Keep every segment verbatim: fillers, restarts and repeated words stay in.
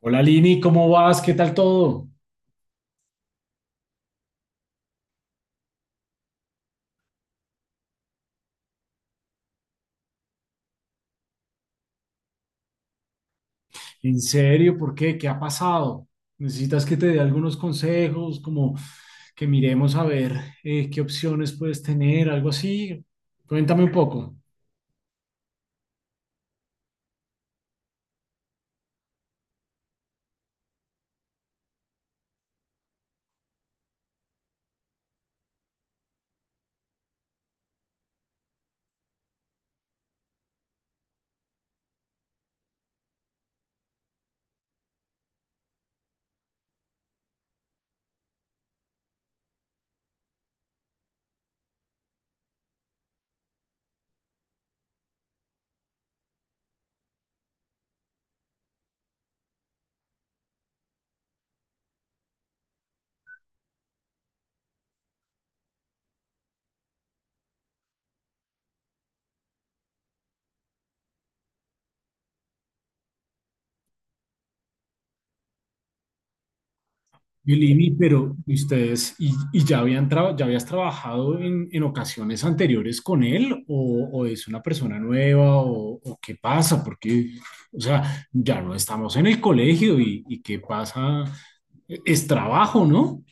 Hola Lini, ¿cómo vas? ¿Qué tal todo? ¿En serio? ¿Por qué? ¿Qué ha pasado? ¿Necesitas que te dé algunos consejos, como que miremos a ver eh, qué opciones puedes tener, algo así? Cuéntame un poco. Y Lini, pero ¿y ustedes, y, y ya habían tra- ya habías trabajado en, en ocasiones anteriores con él o, o es una persona nueva o, o qué pasa? Porque, o sea, ya no estamos en el colegio y, y qué pasa, es trabajo, ¿no?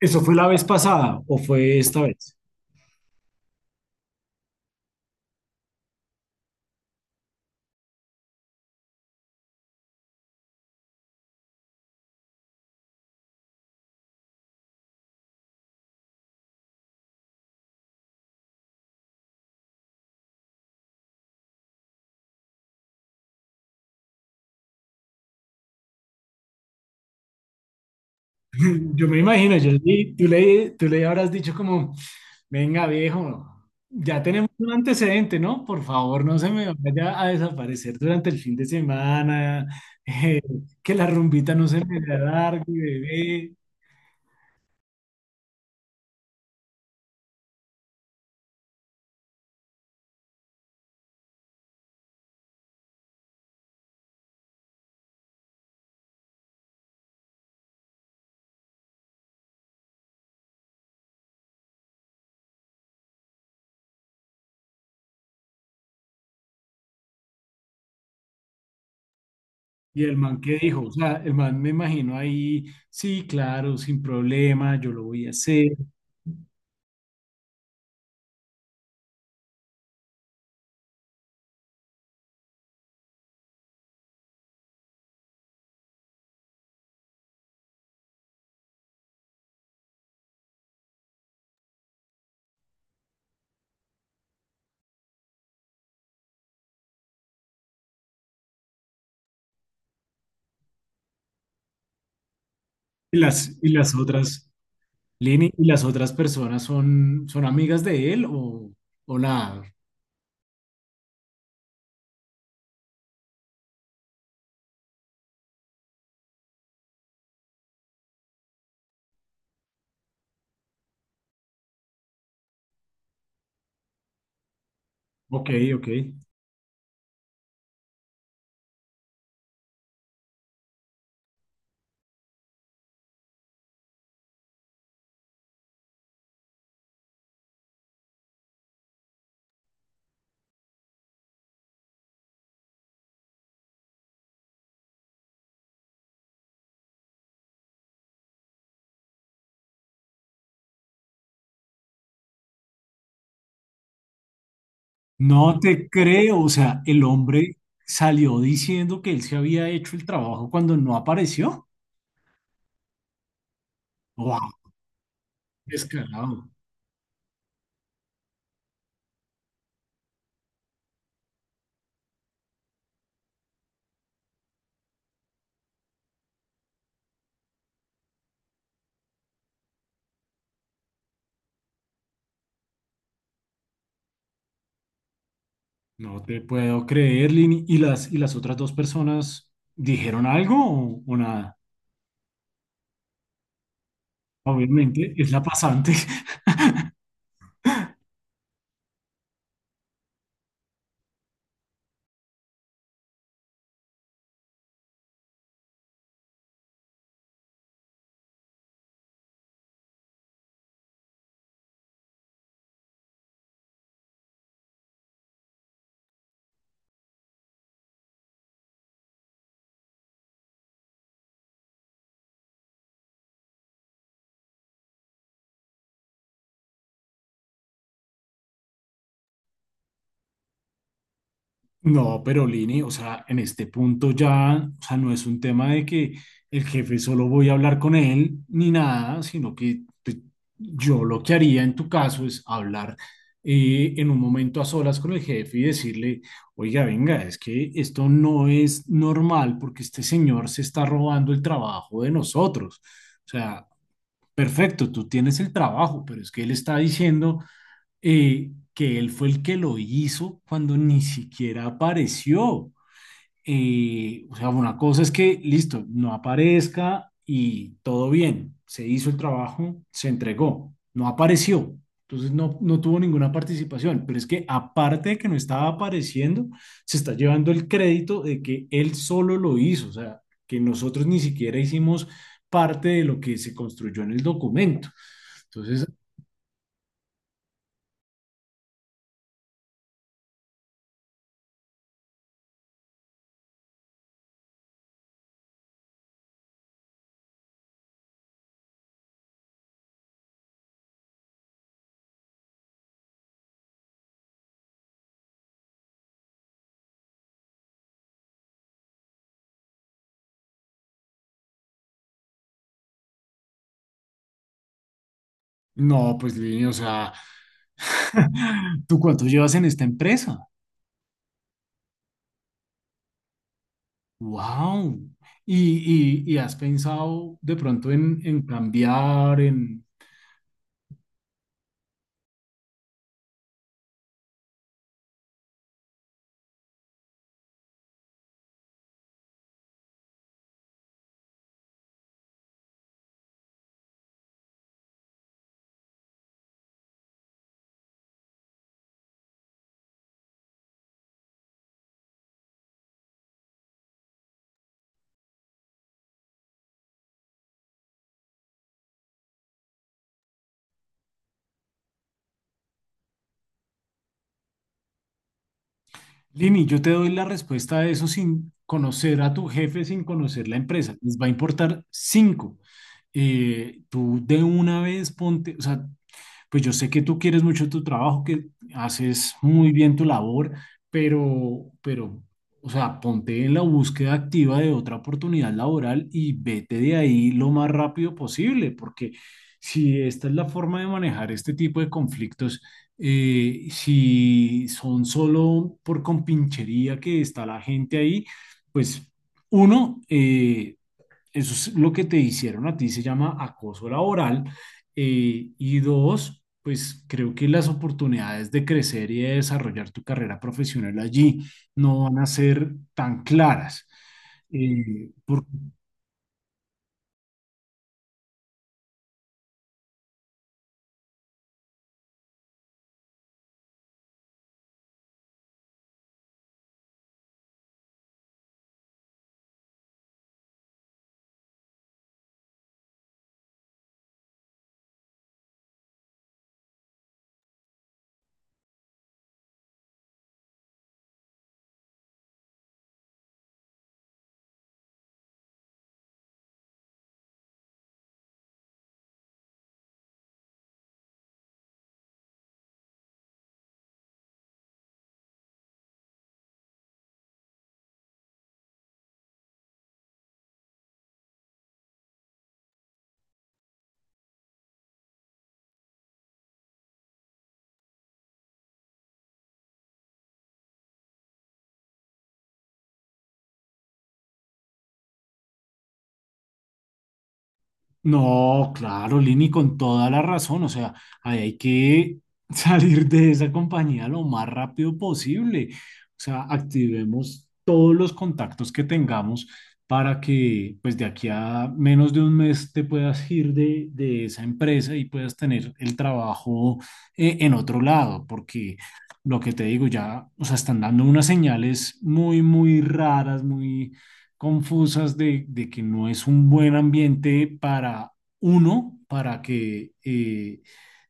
¿Eso fue la vez pasada o fue esta vez? Yo me imagino, yo, sí, tú le, tú le habrás dicho como, venga viejo, ya tenemos un antecedente, ¿no? Por favor, no se me vaya a desaparecer durante el fin de semana, eh, que la rumbita no se me largue, bebé. Y el man que dijo, o sea, el man me imagino ahí, sí, claro, sin problema, yo lo voy a hacer. Y las, y las otras... Lini, ¿y las otras personas son, son amigas de él o, o nada? Ok, ok. No te creo, o sea, el hombre salió diciendo que él se había hecho el trabajo cuando no apareció. ¡Wow! Descarado. No te puedo creer, Lini. ¿Y las, y las otras dos personas dijeron algo o, o nada? Obviamente, es la pasante. No, pero Lini, o sea, en este punto ya, o sea, no es un tema de que el jefe solo voy a hablar con él ni nada, sino que pues, yo lo que haría en tu caso es hablar eh, en un momento a solas con el jefe y decirle, oiga, venga, es que esto no es normal porque este señor se está robando el trabajo de nosotros. O sea, perfecto, tú tienes el trabajo, pero es que él está diciendo eh, que él fue el que lo hizo cuando ni siquiera apareció. Eh, o sea, una cosa es que, listo, no aparezca y todo bien, se hizo el trabajo, se entregó, no apareció. Entonces no, no tuvo ninguna participación, pero es que aparte de que no estaba apareciendo, se está llevando el crédito de que él solo lo hizo, o sea, que nosotros ni siquiera hicimos parte de lo que se construyó en el documento. Entonces, no, pues Lini, o sea, ¿tú cuánto llevas en esta empresa? ¡Wow! Y, y- y has pensado de pronto en, en cambiar, en... Lini, yo te doy la respuesta a eso sin conocer a tu jefe, sin conocer la empresa. Les va a importar cinco. Eh, tú de una vez ponte, o sea, pues yo sé que tú quieres mucho tu trabajo, que haces muy bien tu labor, pero, pero, o sea, ponte en la búsqueda activa de otra oportunidad laboral y vete de ahí lo más rápido posible, porque si esta es la forma de manejar este tipo de conflictos, eh, si son solo por compinchería que está la gente ahí, pues uno, eh, eso es lo que te hicieron a ti, se llama acoso laboral. Eh, y dos, pues creo que las oportunidades de crecer y de desarrollar tu carrera profesional allí no van a ser tan claras. Eh, por- No, claro, Lini, con toda la razón. O sea, ahí hay que salir de esa compañía lo más rápido posible. O sea, activemos todos los contactos que tengamos para que, pues, de aquí a menos de un mes te puedas ir de, de esa empresa y puedas tener el trabajo eh, en otro lado, porque lo que te digo ya, o sea, están dando unas señales muy, muy raras, muy confusas de, de que no es un buen ambiente para uno, para que, eh,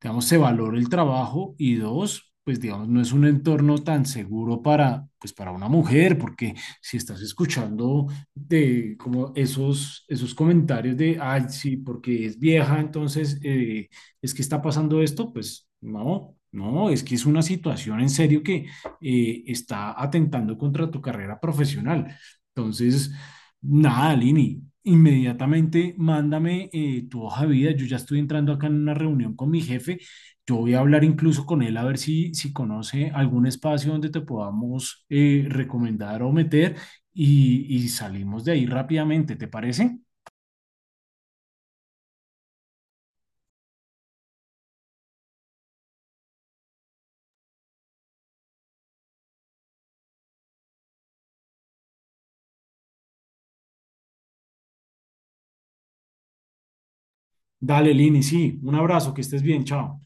digamos, se valore el trabajo y dos, pues digamos, no es un entorno tan seguro para, pues para una mujer, porque si estás escuchando de como esos, esos comentarios de, ay, sí, porque es vieja, entonces eh, es que está pasando esto, pues no, no, es que es una situación en serio que eh, está atentando contra tu carrera profesional. Entonces, nada, Lini. Inmediatamente mándame eh, tu hoja de vida. Yo ya estoy entrando acá en una reunión con mi jefe. Yo voy a hablar incluso con él a ver si, si conoce algún espacio donde te podamos eh, recomendar o meter y, y salimos de ahí rápidamente. ¿Te parece? Dale, Lini, sí. Un abrazo, que estés bien. Chao.